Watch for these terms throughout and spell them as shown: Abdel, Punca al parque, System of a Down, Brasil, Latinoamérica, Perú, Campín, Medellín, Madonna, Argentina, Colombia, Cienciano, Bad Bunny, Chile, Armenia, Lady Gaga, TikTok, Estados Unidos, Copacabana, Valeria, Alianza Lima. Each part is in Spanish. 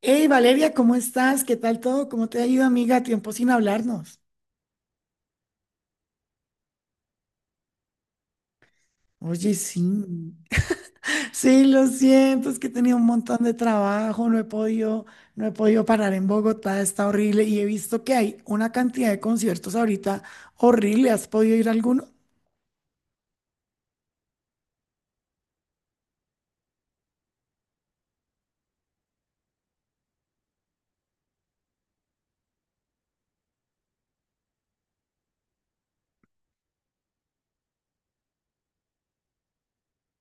Hey Valeria, ¿cómo estás? ¿Qué tal todo? ¿Cómo te ha ido, amiga? Tiempo sin hablarnos. Oye, sí. Sí, lo siento, es que he tenido un montón de trabajo, no he podido parar en Bogotá, está horrible y he visto que hay una cantidad de conciertos ahorita horrible. ¿Has podido ir a alguno?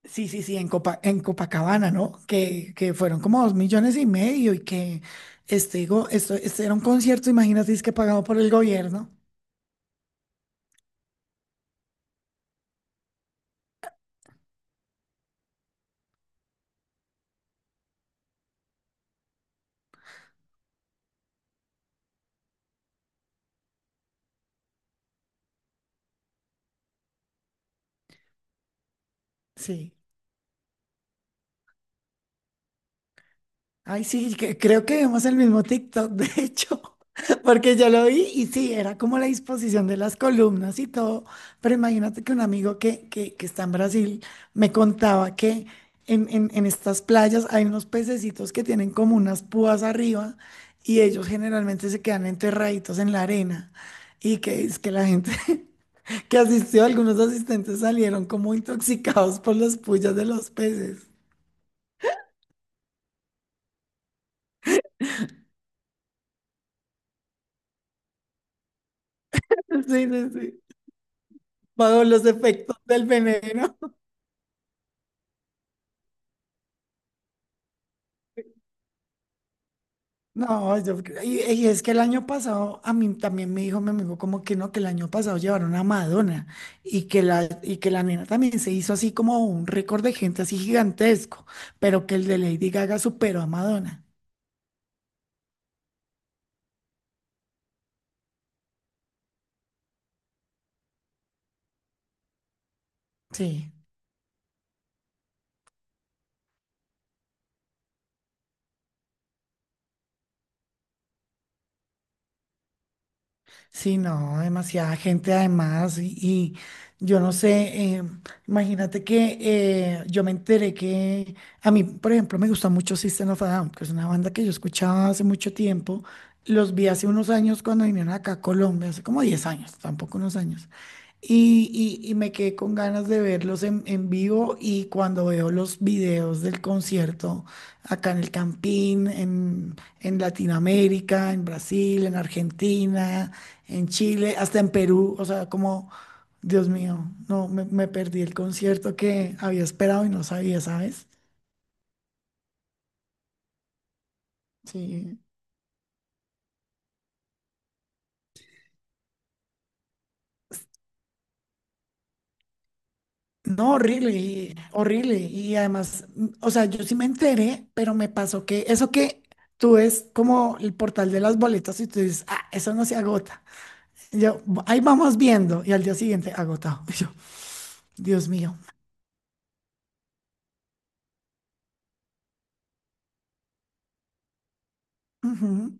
Sí, sí, sí, en Copacabana, ¿no? Que fueron como 2,5 millones y que este era un concierto, imagínate, es que pagado por el gobierno. Sí. Ay, sí, que- creo que vimos el mismo TikTok, de hecho. Porque yo lo vi y sí, era como la disposición de las columnas y todo, pero imagínate que un amigo que está en Brasil me contaba que en estas playas hay unos pececitos que tienen como unas púas arriba y ellos generalmente se quedan enterraditos en la arena y que es que la gente que asistió, algunos asistentes salieron como intoxicados por las puyas de los peces. Sí, sí, sí, bajo los efectos del veneno. No, yo creo- y es que el año pasado, a mí también me dijo mi amigo como que no, que el año pasado llevaron a Madonna y que la nena también se hizo así como un récord de gente así gigantesco, pero que el de Lady Gaga superó a Madonna. Sí. Sí, no, demasiada gente además y yo no sé, imagínate que yo me enteré que a mí, por ejemplo, me gusta mucho System of a Down, que es una banda que yo escuchaba hace mucho tiempo, los vi hace unos años cuando vinieron acá a Colombia, hace como 10 años, tampoco unos años, y me quedé con ganas de verlos en vivo y cuando veo los videos del concierto acá en el Campín, en Latinoamérica, en Brasil, en Argentina, en Chile, hasta en Perú, o sea, como, Dios mío, no, me perdí el concierto que había esperado y no sabía, ¿sabes? Sí. No, horrible, horrible. Y además, o sea, yo sí me enteré, pero me pasó que eso que tú ves como el portal de las boletas y tú dices, ah, eso no se agota. Y yo, "Bu- ahí vamos viendo". Y al día siguiente, agotado. Y yo, Dios mío. Ujú.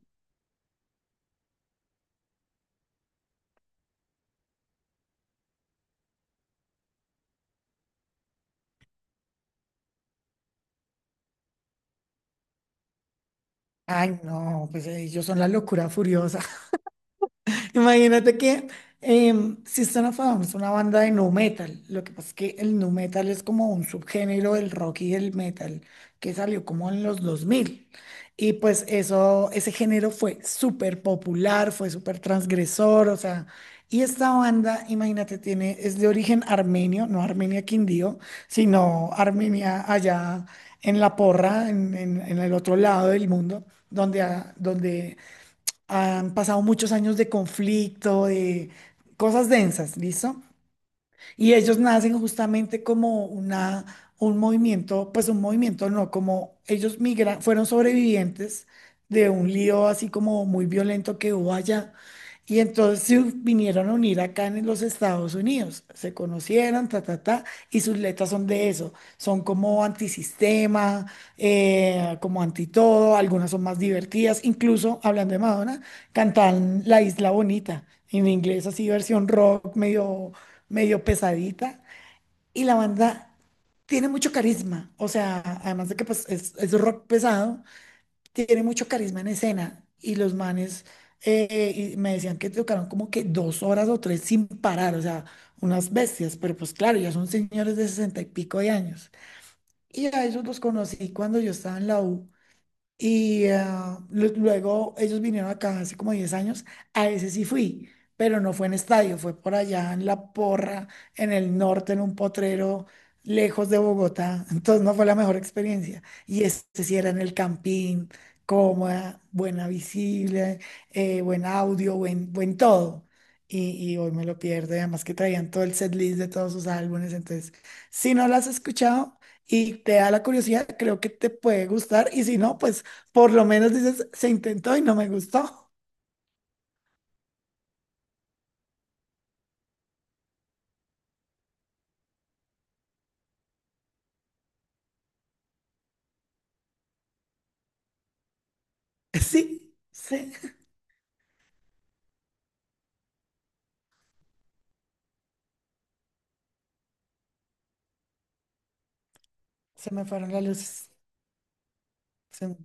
Ay, no, pues ellos son la locura furiosa. Imagínate que System of a Down es una banda de nu metal. Lo que pasa es que el nu metal es como un subgénero del rock y del metal que salió como en los dos mil. Y pues eso, ese género fue súper popular, fue súper transgresor, o sea. Y esta banda, imagínate, tiene, es de origen armenio, no Armenia Quindío, sino Armenia allá en la porra, en el otro lado del mundo, donde, donde han pasado muchos años de conflicto, de cosas densas, ¿listo? Y ellos nacen justamente como un movimiento, pues un movimiento no, como ellos migran, fueron sobrevivientes de un lío así como muy violento que hubo allá. Y entonces se vinieron a unir acá en los Estados Unidos. Se conocieron, ta, ta, ta, y sus letras son de eso. Son como antisistema, como anti todo. Algunas son más divertidas. Incluso, hablando de Madonna, cantan La Isla Bonita en inglés, así versión rock, medio medio pesadita. Y la banda tiene mucho carisma. O sea, además de que pues, es rock pesado, tiene mucho carisma en escena. Y los manes, y me decían que tocaron como que 2 horas o 3 sin parar. O sea, unas bestias. Pero pues claro, ya son señores de 60 y pico de años. Y a ellos los conocí cuando yo estaba en la U y ah, luego ellos vinieron acá hace como 10 años. A ese sí fui, pero no fue en estadio, fue por allá en La Porra, en el norte, en un potrero lejos de Bogotá. Entonces no fue la mejor experiencia. Y este sí era en el campín, cómoda, buena visible, buen audio, buen todo. Y hoy me lo pierdo, y además que traían todo el setlist de todos sus álbumes. Entonces, si no lo has escuchado y te da la curiosidad, creo que te puede gustar. Y si no, pues por lo menos dices, se intentó y no me gustó. Sí, sí, se me fueron las luces. Se me-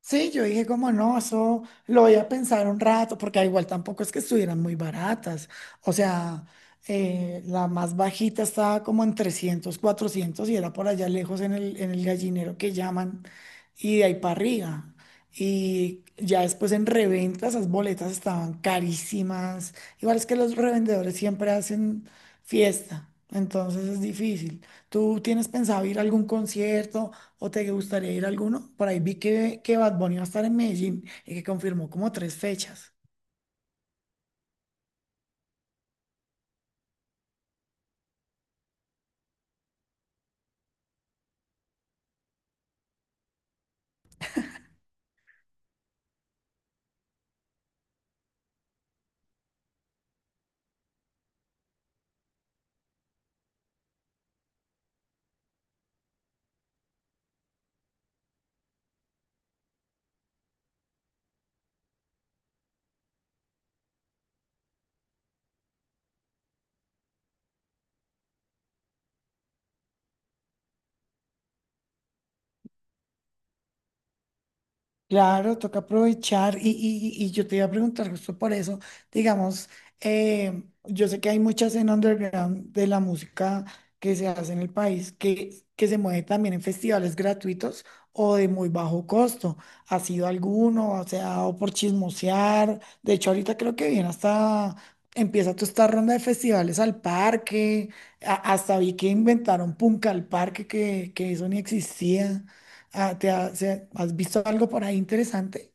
Sí, yo dije como no, eso lo voy a pensar un rato, porque ah, igual tampoco es que estuvieran muy baratas. O sea, la más bajita estaba como en 300, 400 y era por allá lejos en el gallinero que llaman y de ahí para arriba. Y ya después en reventa esas boletas estaban carísimas. Igual es que los revendedores siempre hacen fiesta, entonces es difícil. ¿Tú tienes pensado ir a algún concierto o te gustaría ir a alguno? Por ahí vi que Bad Bunny va a estar en Medellín y que confirmó como tres fechas. Claro, toca aprovechar y yo te iba a preguntar justo por eso, digamos, yo sé que hay mucha escena underground de la música que se hace en el país que se mueve también en festivales gratuitos o de muy bajo costo. ¿Ha sido alguno? O sea, o por chismosear. De hecho, ahorita creo que viene hasta, empieza toda esta ronda de festivales al parque. Hasta vi que inventaron Punca al parque, que eso ni existía. Ah, ¿Has visto algo por ahí interesante?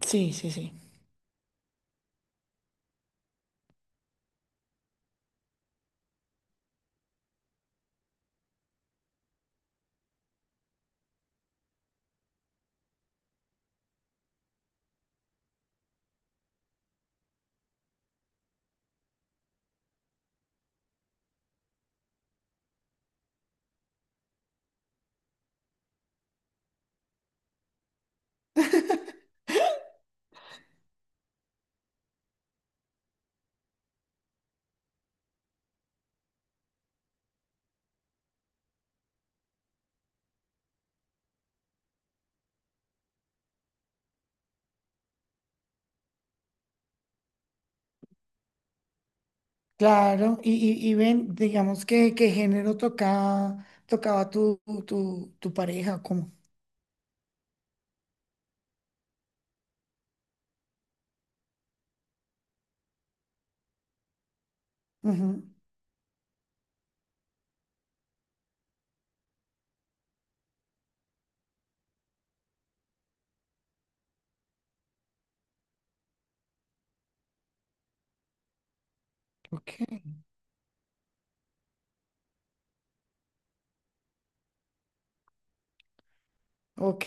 Sí, sí, sí. Claro, y ven, digamos que qué género tocaba tu pareja, cómo. Ujú. Ok. Ok.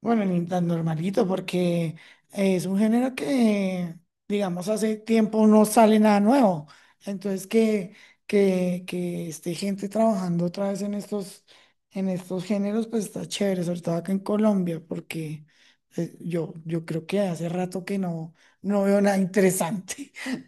Bueno, ni tan normalito, porque es un género que, digamos, hace tiempo no sale nada nuevo. Entonces, que esté gente trabajando otra vez en estos géneros, pues está chévere, sobre todo acá en Colombia, porque yo creo que hace rato que no veo nada interesante.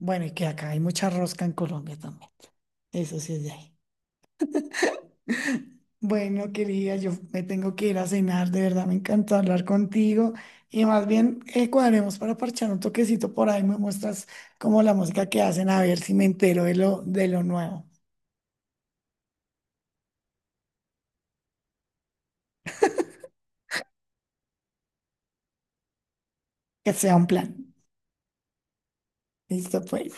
Bueno, y que acá hay mucha rosca en Colombia también. Eso sí es de ahí. Bueno, querida, yo me tengo que ir a cenar, de verdad me encantó hablar contigo y más bien cuadremos para parchar un toquecito por ahí, me muestras como la música que hacen, a ver si me entero de lo nuevo, que sea un plan. Listo, pues.